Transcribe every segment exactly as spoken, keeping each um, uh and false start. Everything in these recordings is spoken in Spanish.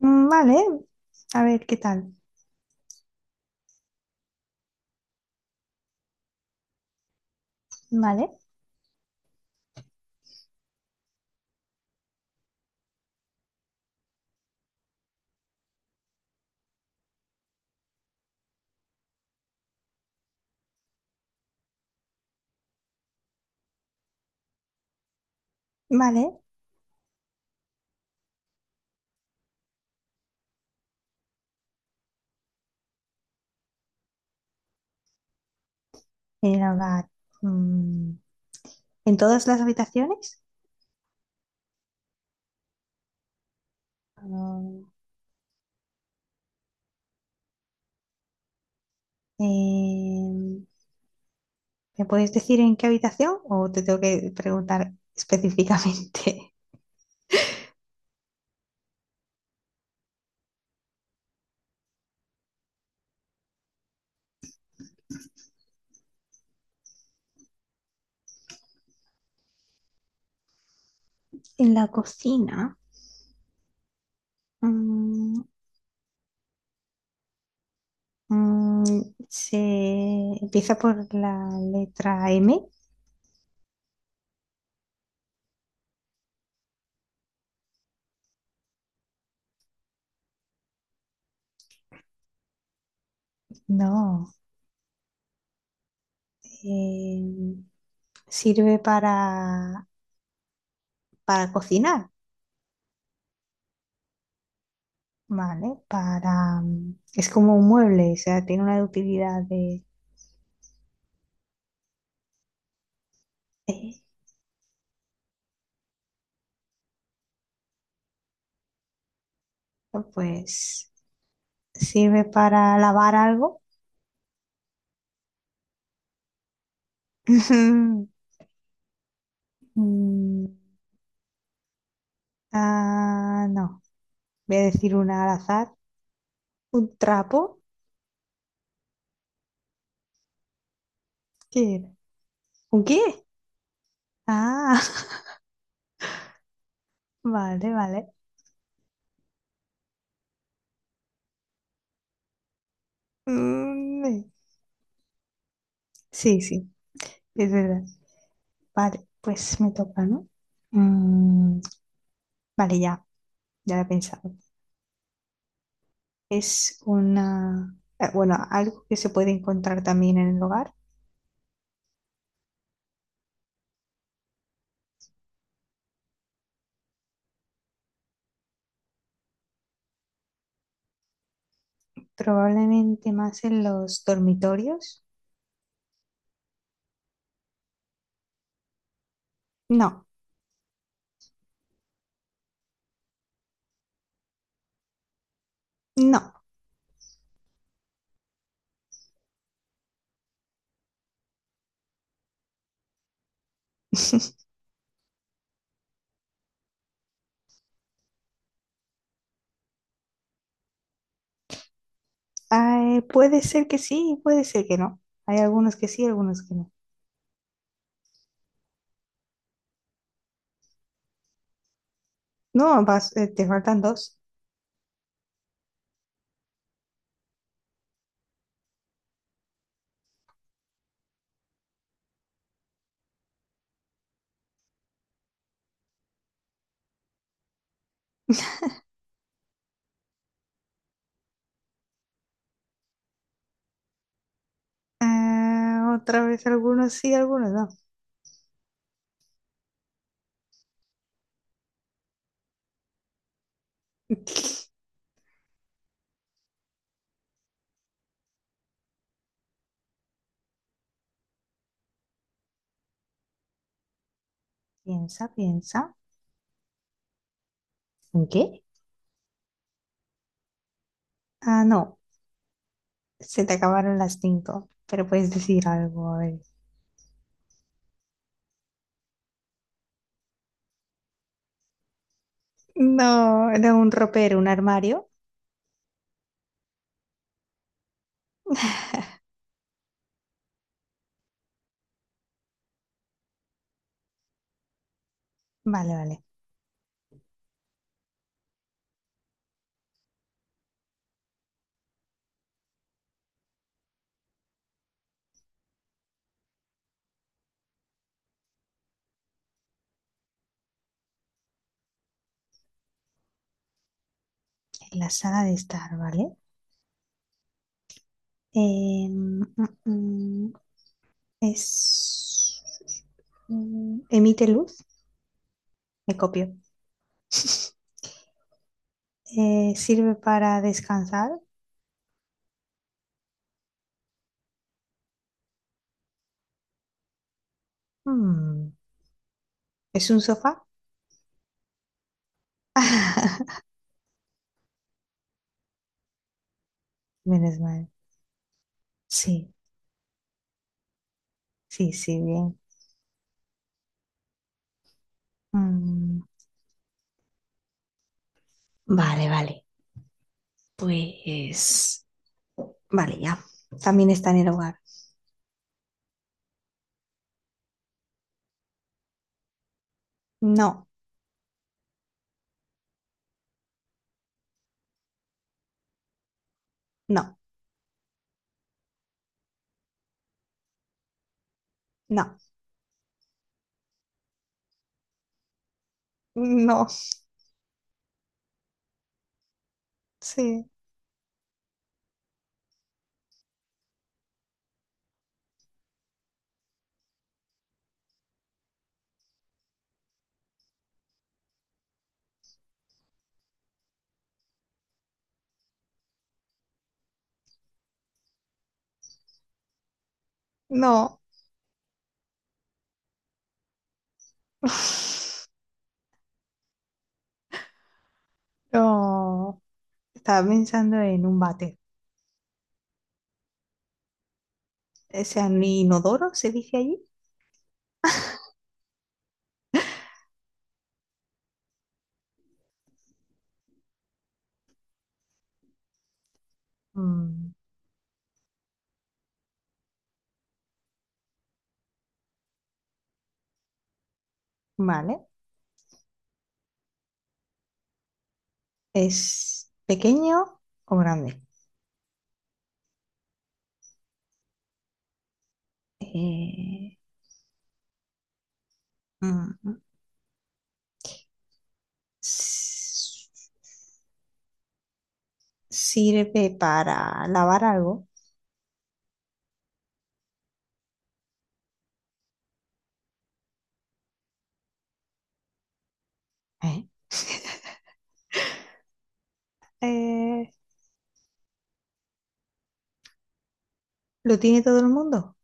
Mm, vale, a ver qué tal. Vale, vale. El hogar. mm, ¿En todas las habitaciones? Mm, eh, ¿Me puedes decir en qué habitación o te tengo que preguntar específicamente? En la cocina. mm, mm, ¿Se empieza por la letra M? No. eh, ¿Sirve para, para cocinar? Vale, para... mm, es como un mueble, o sea, tiene una utilidad de... eh, pues sirve para lavar algo. Mm, ah, no, voy a decir una al azar. ¿Un trapo? ¿Qué era? ¿Un qué? Ah, vale, vale. Mm, sí, sí, es verdad. Vale, pues me toca, ¿no? Mm, vale, ya, ya lo he pensado. Es una, eh, bueno, algo que se puede encontrar también en el hogar, probablemente más en los dormitorios. No, no. Ay, puede ser que sí, puede ser que no. Hay algunos que sí, algunos que no. No, vas, eh, te faltan dos. Ah, otra vez algunos sí, algunos no. Piensa, piensa. ¿En qué? Ah, no, se te acabaron las cinco, pero puedes decir algo. A ver. No, era un ropero, un armario. Vale, vale. En la saga de Star, ¿vale? Eh, mm, mm, es... mm, emite luz, me copio. Eh, sirve para descansar. Mm, ¿es un sofá? Menos mal. Sí, sí, sí, bien. Mm, vale, vale. Pues... vale, ya. También está en el hogar. No, no, no, no, sí, no. No. Estaba pensando en un váter. ¿Es un inodoro, se dice allí? Mm, vale. ¿Es pequeño o grande? Eh, mm, s- ¿Sirve para lavar algo? ¿Eh? Eh, ¿Lo tiene todo el mundo?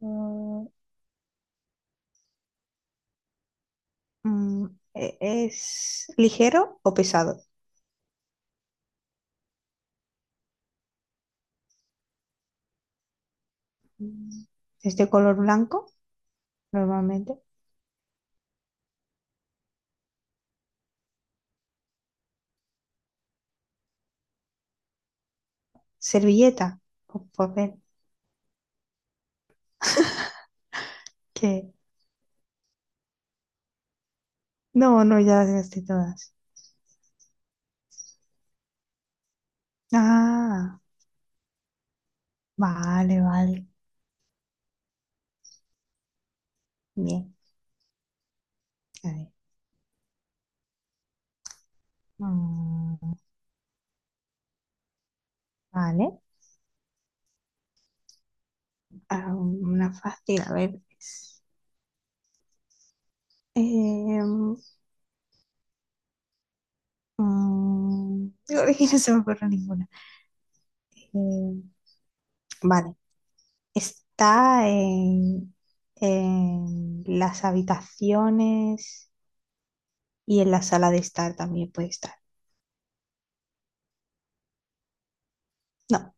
Mm, mm, e- ¿Es ligero o pesado? Mm, ¿es de color blanco normalmente? ¿Servilleta o papel? Que No, no, ya las gasté todas. Ah, vale, vale. Bien, a ver. Mm, vale. Ah, una fácil, a ver. Em, mm, Digo, que no se me ocurre ninguna. Em, vale. Está en, en las habitaciones y en la sala de estar también puede estar. No,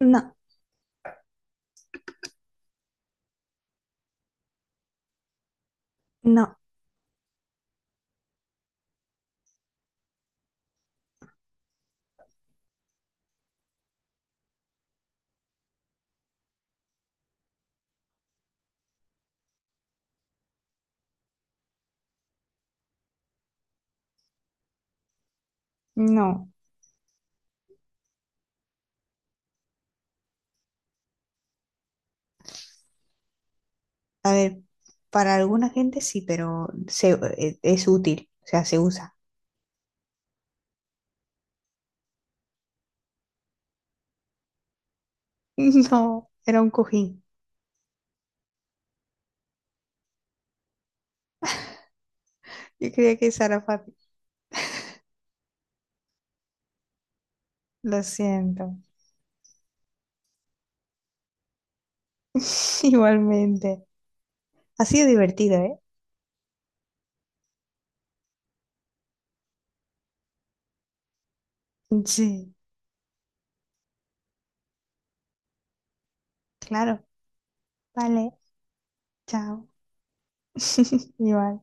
no, no, no. A ver, para alguna gente sí, pero se- eh, es útil, o sea, se usa. No, era un cojín. Yo creía que esa era fácil. Lo siento. Igualmente. Ha sido divertido, ¿eh? Sí, claro. Vale, chao. Igual.